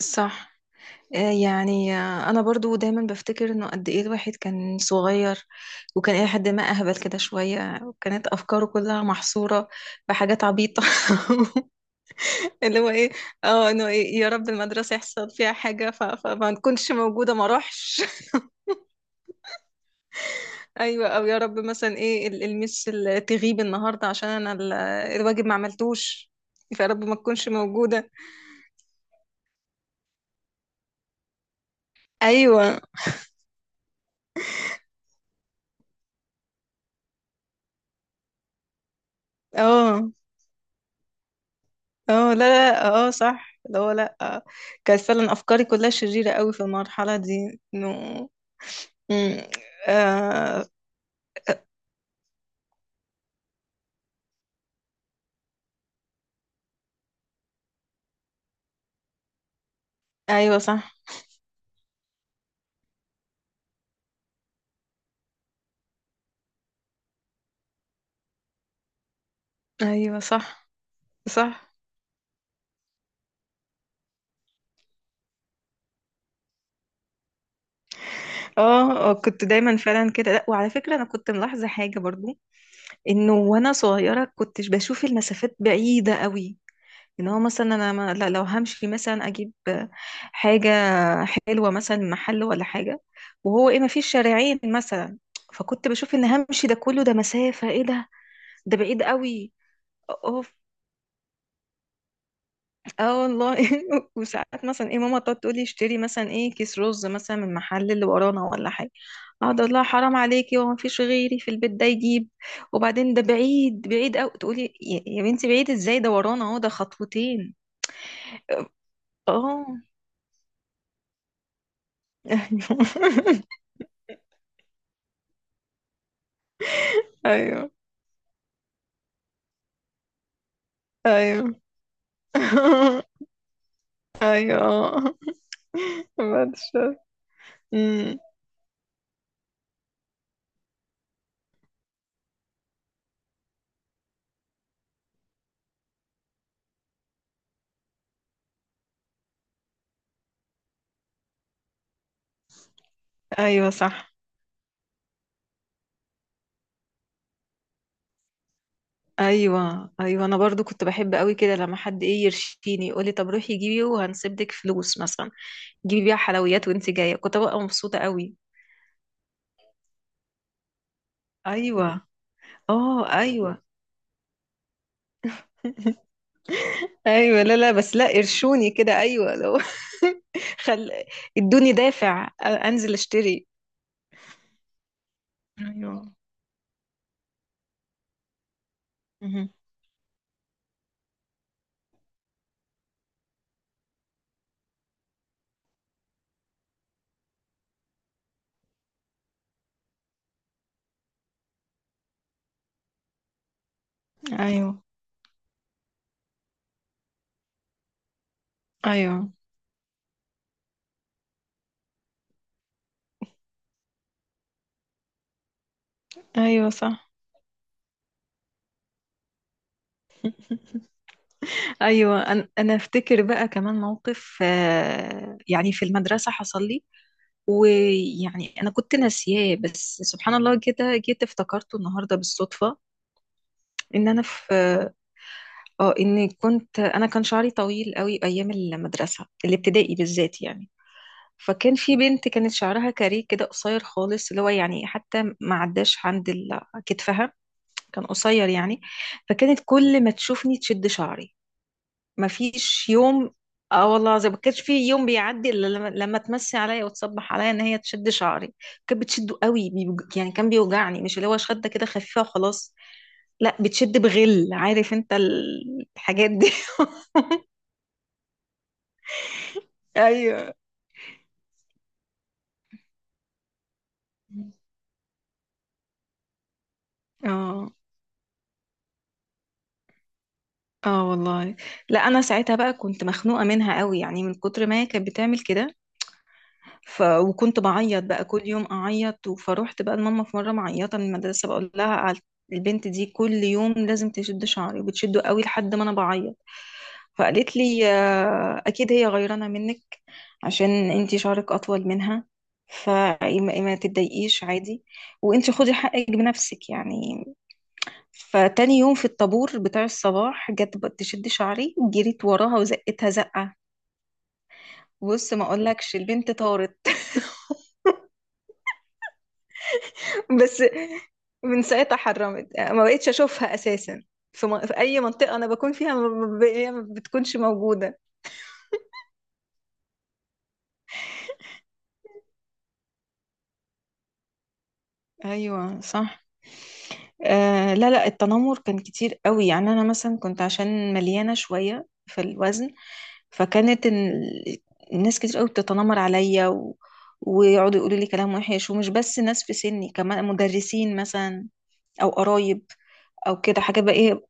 صح. انا برضو دايما بفتكر انه قد ايه الواحد كان صغير، وكان الى حد ما اهبل كده شويه، وكانت افكاره كلها محصوره بحاجات عبيطه. اللي هو ايه، اه انه إيه، يا رب المدرسه يحصل فيها حاجه فما نكونش موجوده ما اروحش. ايوه، او يا رب مثلا ايه تغيب النهارده عشان الواجب ما عملتوش، فيا رب ما تكونش موجوده. ايوه. اه. اه لا لا، اه صح، اللي هو لا. كانت فعلا افكاري كلها شريرة قوي في المرحلة دي، انه مم، آه. ايوه صح. ايوه صح. صح. اه آه، كنت دايما فعلا كده، لا وعلى فكرة انا كنت ملاحظة حاجة برضو، انه وانا صغيرة كنتش بشوف المسافات بعيدة قوي. ان هو مثلا انا ما لا لو همشي مثلا اجيب حاجة حلوة مثلا من محل ولا حاجة، وهو ايه ما فيش شارعين مثلا، فكنت بشوف ان همشي ده كله، ده مسافة ايه ده، ده بعيد قوي. اوف. اه والله. وساعات مثلا ايه ماما تقعد تقولي اشتري مثلا ايه كيس رز مثلا من المحل اللي ورانا ولا حاجه، اقعد اقول لها حرام عليكي، هو مفيش غيري في البيت ده يجيب؟ وبعدين ده بعيد بعيد قوي، تقولي يا بنتي بعيد ازاي ده ورانا اهو، ده خطوتين. اه. ايوه. ايوه ايوه. ايوه. بعد الشر. امم. ايوه صح. ايوه ايوه، انا برضو كنت بحب قوي كده لما حد ايه يرشيني، يقولي طب روحي جيبي وهنسيب لك فلوس مثلا، جيبي بيها حلويات وانت جايه، كنت ببقى مبسوطه قوي. ايوه. اه ايوه. ايوه لا لا، بس لا قرشوني كده، ايوه لو خل ادوني دافع انزل اشتري. ايوه. مهم. ايوه ايوه. ايوه صح. ايوه، أنا افتكر بقى كمان موقف يعني في المدرسه حصل لي، ويعني انا كنت ناسياه، بس سبحان الله كده جيت افتكرته النهارده بالصدفه، ان انا في، اه ان كنت انا، كان شعري طويل قوي ايام المدرسه الابتدائي بالذات يعني، فكان في بنت كانت شعرها كاريه كده قصير خالص، اللي هو يعني حتى ما عداش كتفها، كان قصير يعني، فكانت كل ما تشوفني تشد شعري، ما فيش يوم. اه والله، زي ما كانش في يوم بيعدي الا لما تمسي عليا وتصبح عليا ان هي تشد شعري، كانت بتشده قوي يعني كان بيوجعني، مش اللي هو شده كده خفيفه وخلاص، لا بتشد بغل، عارف انت الحاجات دي. ايوه. اه. اه والله، لا انا ساعتها بقى كنت مخنوقه منها قوي يعني، من كتر ما هي كانت بتعمل كده، وكنت بعيط بقى كل يوم اعيط، فروحت بقى لماما في مره معيطه من المدرسه، بقول لها على البنت دي كل يوم لازم تشد شعري، وبتشده قوي لحد ما انا بعيط، فقالت لي اكيد هي غيرانه منك عشان انتي شعرك اطول منها، فما ما تتضايقيش عادي، وانتي خدي حقك بنفسك يعني. فتاني يوم في الطابور بتاع الصباح، جت بقى تشد شعري، جريت وراها وزقتها زقه، بص ما اقولكش البنت طارت. بس من ساعتها حرمت، ما بقتش اشوفها اساسا، في اي منطقه انا بكون فيها ما ب... هي ما بتكونش موجوده. ايوه صح. آه لا لا، التنمر كان كتير قوي، يعني انا مثلا كنت عشان مليانه شويه في الوزن، فكانت الناس كتير قوي بتتنمر عليا، و... ويقعدوا يقولوا لي كلام وحش، ومش بس ناس في سني، كمان مدرسين مثلا او قرايب او كده حاجه بقى ايه.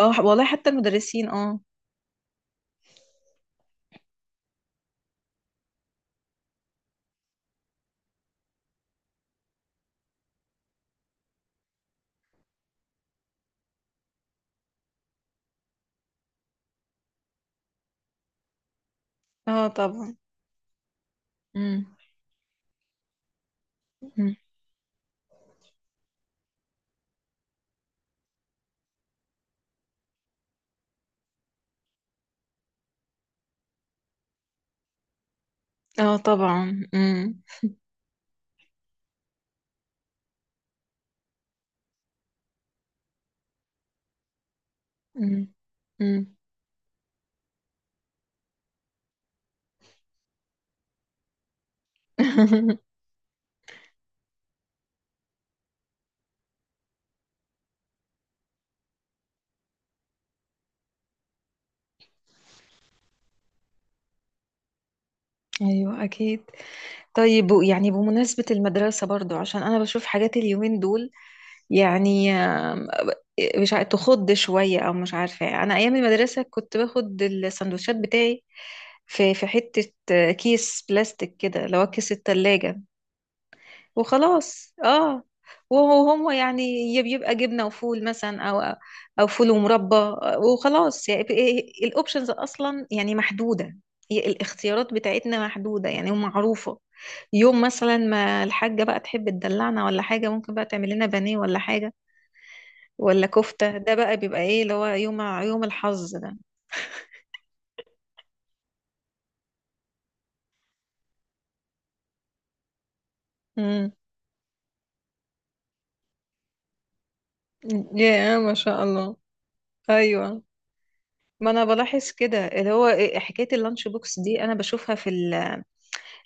اه والله حتى المدرسين اه. اه طبعا. مم. مم. اه طبعا. مم. مم. مم. ايوه اكيد. طيب يعني بمناسبة المدرسة برضو، عشان انا بشوف حاجات اليومين دول، يعني مش عارفة تخض شوية او مش عارفة، انا ايام المدرسة كنت باخد السندوتشات بتاعي في حتة كيس بلاستيك كده اللي هو كيس التلاجة، وخلاص اه. وهو هو يعني يا بيبقى جبنة وفول مثلا، او او فول ومربى، وخلاص يعني، الاوبشنز اصلا يعني محدودة، هي الاختيارات بتاعتنا محدودة يعني ومعروفة. يوم مثلا ما الحاجة بقى تحب تدلعنا ولا حاجة، ممكن بقى تعمل لنا بانيه ولا حاجة ولا كفتة، ده بقى بيبقى ايه اللي هو يوم، يوم الحظ ده. امم. يا ما شاء الله. ايوه، ما انا بلاحظ كده، اللي هو حكاية اللانش بوكس دي انا بشوفها في ال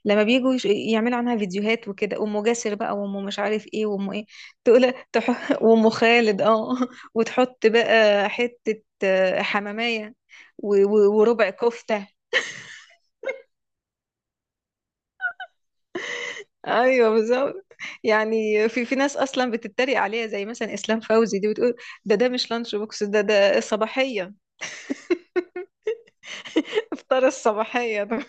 لما بيجوا يعملوا عنها فيديوهات وكده، أم جاسر بقى وأم مش عارف ايه وأم ايه، تقول وأم خالد اه، وتحط بقى حتة حمامية و وربع كفتة. ايوه بالظبط. يعني في في ناس اصلا بتتريق عليها، زي مثلا اسلام فوزي دي بتقول ده ده مش لانش بوكس، ده ده صباحيه. افطار الصباحيه ده.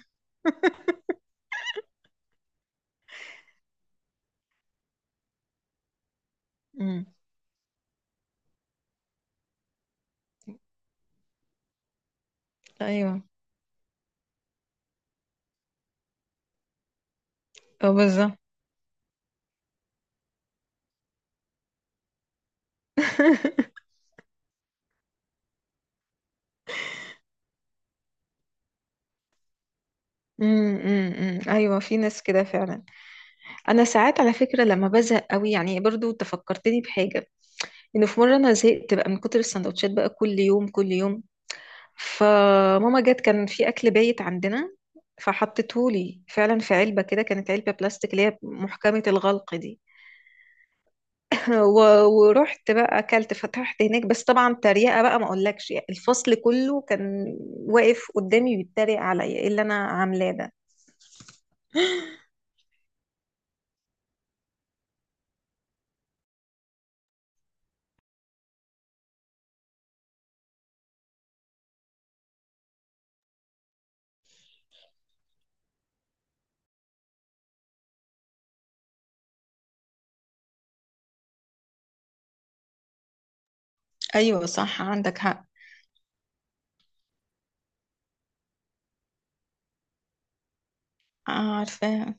امم. ايوه. اه بالظبط. أمم. ايوه في ناس كده فعلا. انا ساعات على فكره لما بزهق قوي يعني، برضو تفكرتني بحاجه، انه في مره انا زهقت بقى من كتر السندوتشات بقى كل يوم كل يوم، فماما جت كان في اكل بايت عندنا، فحطته لي فعلا في علبه كده، كانت علبه بلاستيك اللي هي محكمه الغلق دي. ورحت بقى اكلت، فتحت هناك، بس طبعا تريقه بقى ما اقولكش، يعني الفصل كله كان واقف قدامي بيتريق عليا ايه اللي انا عاملاه ده. ايوه صح عندك حق. آه، عارفة.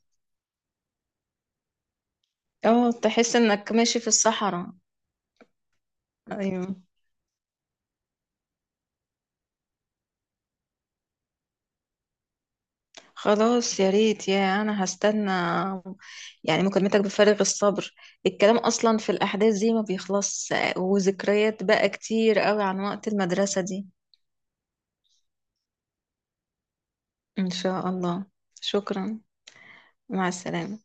اه تحس انك ماشي في الصحراء. ايوه خلاص يا ريت، يا انا هستنى يعني مكالمتك بفارغ الصبر، الكلام اصلا في الاحداث دي ما بيخلص، وذكريات بقى كتير قوي عن وقت المدرسة دي. ان شاء الله. شكرا. مع السلامة.